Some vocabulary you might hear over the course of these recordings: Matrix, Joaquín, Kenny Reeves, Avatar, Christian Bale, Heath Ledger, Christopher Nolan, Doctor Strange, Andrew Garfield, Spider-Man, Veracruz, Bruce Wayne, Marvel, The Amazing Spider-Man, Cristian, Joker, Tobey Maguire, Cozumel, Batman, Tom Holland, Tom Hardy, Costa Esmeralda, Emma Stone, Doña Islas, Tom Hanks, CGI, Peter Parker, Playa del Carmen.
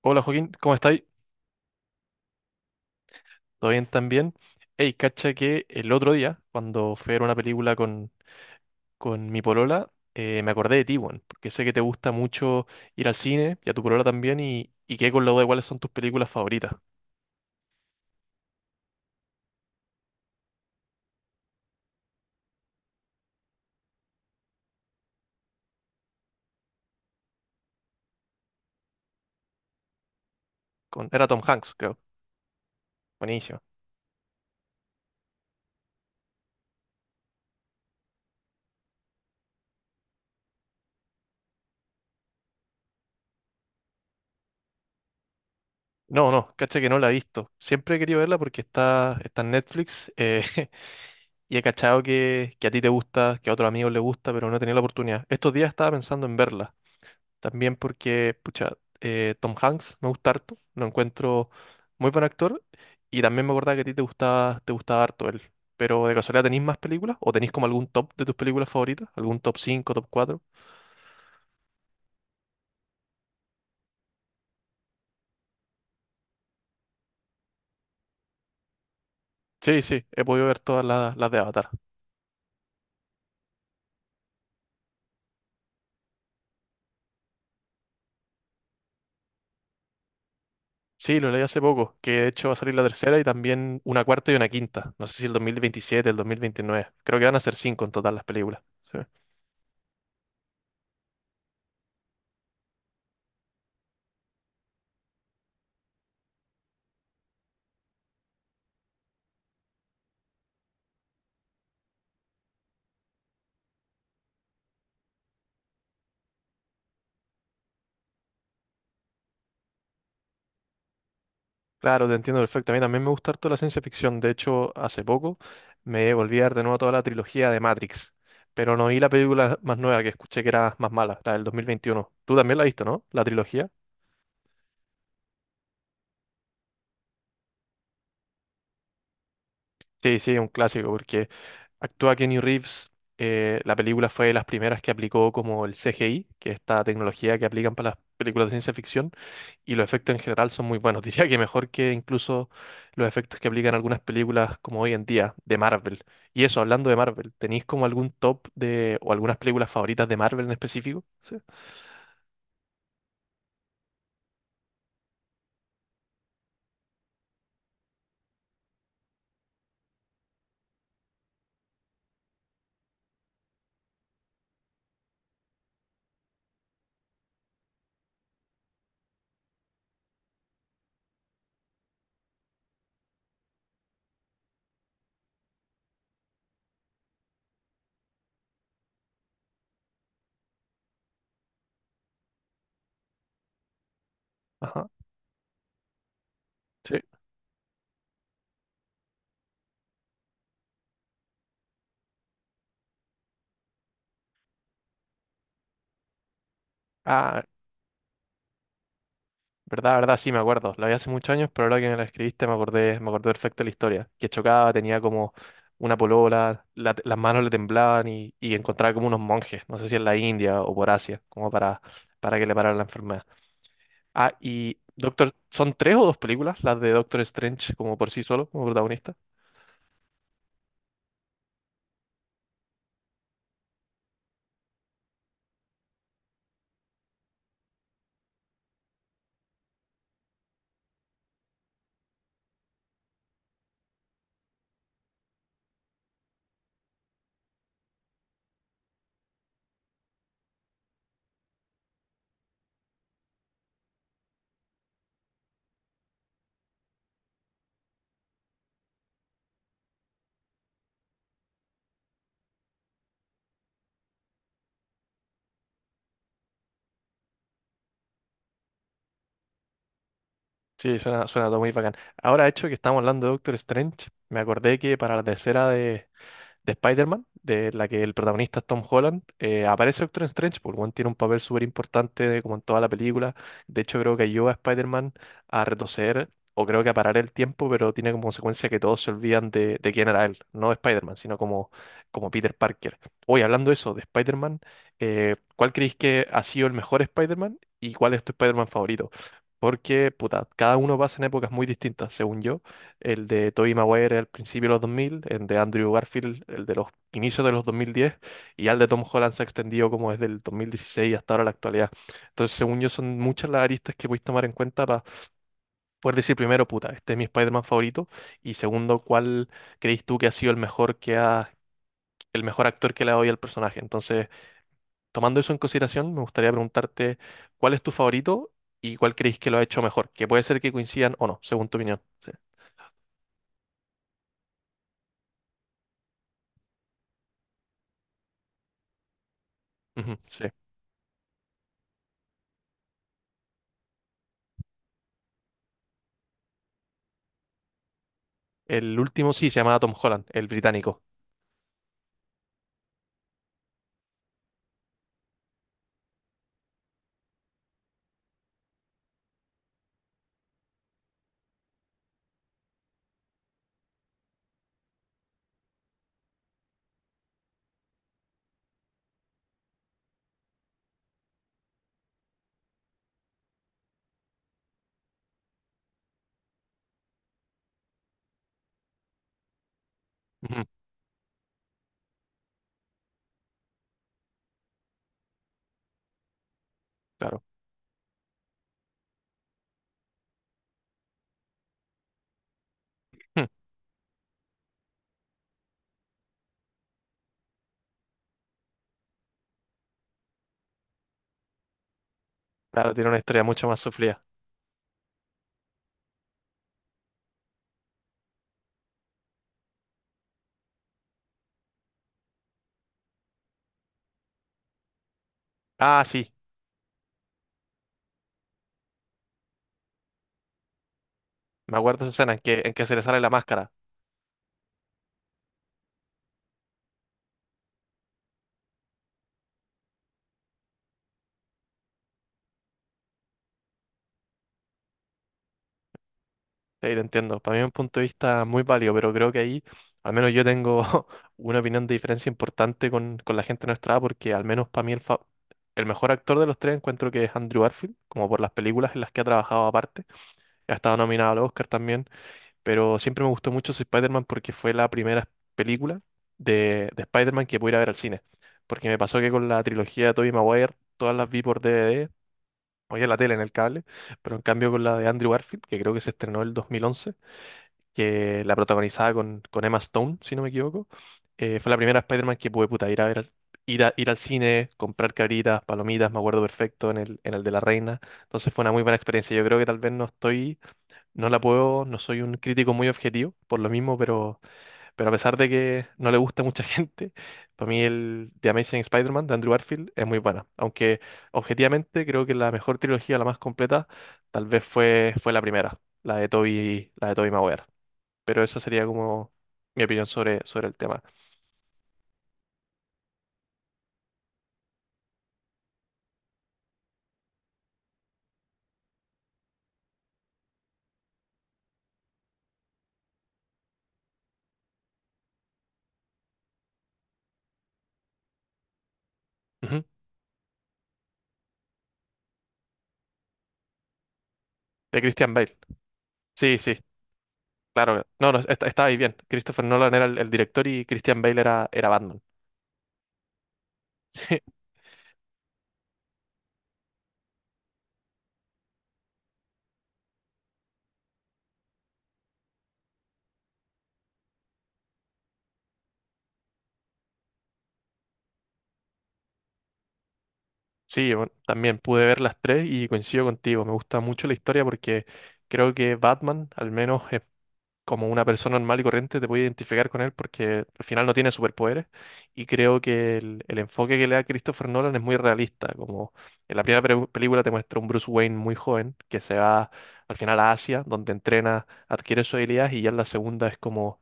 Hola Joaquín, ¿cómo estáis? ¿Todo bien también? Hey, cacha que el otro día, cuando fui a ver una película con mi polola, me acordé de ti, weón, porque sé que te gusta mucho ir al cine y a tu polola también, y quedé con la duda de cuáles son tus películas favoritas. Con, era Tom Hanks, creo. Buenísimo. No, no, cacha que no la he visto. Siempre he querido verla porque está en Netflix, y he cachado que a ti te gusta, que a otros amigos les gusta, pero no he tenido la oportunidad. Estos días estaba pensando en verla. También porque, pucha, Tom Hanks me gusta harto, lo encuentro muy buen actor y también me acordaba que a ti te gustaba harto él. Pero de casualidad, ¿tenéis más películas? ¿O tenéis como algún top de tus películas favoritas? ¿Algún top cinco, top cuatro? Sí, sí, he podido ver todas las de Avatar. Sí, lo leí hace poco, que de hecho va a salir la tercera y también una cuarta y una quinta. No sé si el dos mil veintisiete, el dos mil veintinueve. Creo que van a ser cinco en total las películas. Sí. Claro, te entiendo perfecto. A mí también me gusta harto la ciencia ficción. De hecho, hace poco me volví a ver de nuevo toda la trilogía de Matrix, pero no vi la película más nueva que escuché que era más mala, la del 2021. Tú también la viste, ¿no? La trilogía. Sí, sí, un clásico, porque actúa Kenny Reeves. Eh, la película fue de las primeras que aplicó como el CGI, que es esta tecnología que aplican para las películas de ciencia ficción. Y los efectos en general son muy buenos. Diría que mejor que incluso los efectos que aplican algunas películas como hoy en día de Marvel. Y eso, hablando de Marvel, ¿tenéis como algún top de o algunas películas favoritas de Marvel en específico? Sí. Ajá. Sí. Ah, verdad, verdad, sí, me acuerdo. La vi hace muchos años, pero ahora que me la escribiste me acordé perfecto de la historia. Que chocaba, tenía como una polola, las manos le temblaban y encontraba como unos monjes, no sé si en la India o por Asia, para que le pararan la enfermedad. Ah, y Doctor, ¿son tres o dos películas las de Doctor Strange como por sí solo, como protagonista? Sí, suena, suena todo muy bacán. Ahora, hecho que estamos hablando de Doctor Strange, me acordé que para la tercera de Spider-Man, de la que el protagonista es Tom Holland, aparece Doctor Strange, porque Juan tiene un papel súper importante como en toda la película. De hecho, creo que ayuda a Spider-Man a retroceder o creo que a parar el tiempo, pero tiene como consecuencia que todos se olvidan de quién era él, no Spider-Man, sino como, como Peter Parker. Hoy, hablando de eso, de Spider-Man, ¿cuál creéis que ha sido el mejor Spider-Man y cuál es tu Spider-Man favorito? Porque, puta, cada uno pasa en épocas muy distintas. Según yo, el de Tobey Maguire al principio de los 2000, el de Andrew Garfield, el de los inicios de los 2010, y ya el de Tom Holland se ha extendido como desde el 2016 hasta ahora la actualidad. Entonces, según yo, son muchas las aristas que podéis tomar en cuenta para poder decir primero, puta, este es mi Spider-Man favorito, y segundo, cuál creéis tú que ha sido el mejor que ha... el mejor actor que le ha dado al personaje. Entonces, tomando eso en consideración, me gustaría preguntarte cuál es tu favorito y cuál creéis que lo ha hecho mejor, que puede ser que coincidan o no, según tu opinión. Sí. Ujú, sí. El último sí se llamaba Tom Holland, el británico. Ujú, claro. Ujú, claro, tiene una historia mucho más sufrida. Ah, sí. Me acuerdo de esa escena en que se le sale la máscara. Sí, te entiendo. Para mí es un punto de vista muy válido, pero creo que ahí, al menos yo tengo una opinión de diferencia importante con la gente de nuestra edad, porque al menos para mí el mejor actor de los tres encuentro que es Andrew Garfield, como por las películas en las que ha trabajado aparte. Ha estado nominado al Oscar también. Pero siempre me gustó mucho su Spider-Man porque fue la primera película de Spider-Man que pude ir a ver al cine. Porque me pasó que con la trilogía de Tobey Maguire, todas las vi por DVD, o ya en la tele, en el cable, pero en cambio con la de Andrew Garfield, que creo que se estrenó el 2011, que la protagonizaba con Emma Stone, si no me equivoco, fue la primera Spider-Man que pude, puta, ir a ver al, ir al cine, comprar cabritas, palomitas, me acuerdo perfecto, en el de la reina. Entonces fue una muy buena experiencia. Yo creo que tal vez no estoy no la puedo, no soy un crítico muy objetivo, por lo mismo, pero a pesar de que no le gusta a mucha gente, para mí el The Amazing Spider-Man de Andrew Garfield es muy buena. Aunque objetivamente creo que la mejor trilogía, la más completa, tal vez fue la primera, la de Tobey Maguire. Pero eso sería como mi opinión sobre el tema. Ujú. De Christian Bale. Sí, sí, claro. No, no, estaba ahí bien. Christopher Nolan era el director y Christian Bale era, era Batman. Sí, bueno, también pude ver las tres y coincido contigo. Me gusta mucho la historia porque creo que Batman, al menos, es como una persona normal y corriente, te puede identificar con él porque al final no tiene superpoderes. Y creo que el enfoque que le da Christopher Nolan es muy realista. Como en la primera película te muestra un Bruce Wayne muy joven que se va al final a Asia, donde entrena, adquiere sus habilidades, y ya en la segunda es como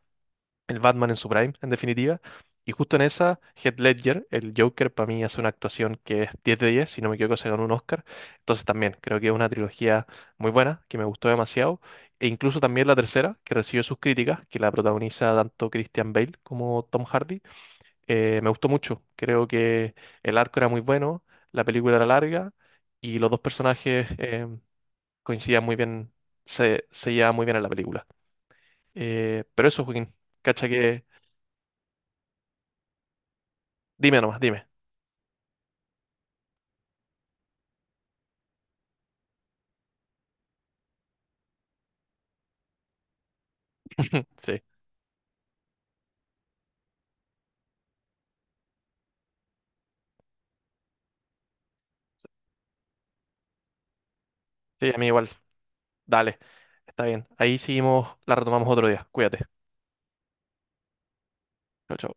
el Batman en su prime, en definitiva. Y justo en esa, Heath Ledger, el Joker, para mí hace una actuación que es 10 de 10, si no me equivoco, se ganó un Oscar. Entonces también creo que es una trilogía muy buena, que me gustó demasiado. E incluso también la tercera, que recibió sus críticas, que la protagoniza tanto Christian Bale como Tom Hardy, me gustó mucho. Creo que el arco era muy bueno, la película era larga y los dos personajes, coincidían muy bien, se llevaban muy bien en la película. Pero eso, Joaquín, cacha que... Dime nomás, dime. Sí, sí, a mí igual. Dale, está bien. Ahí seguimos, la retomamos otro día. Cuídate. Chau, chau.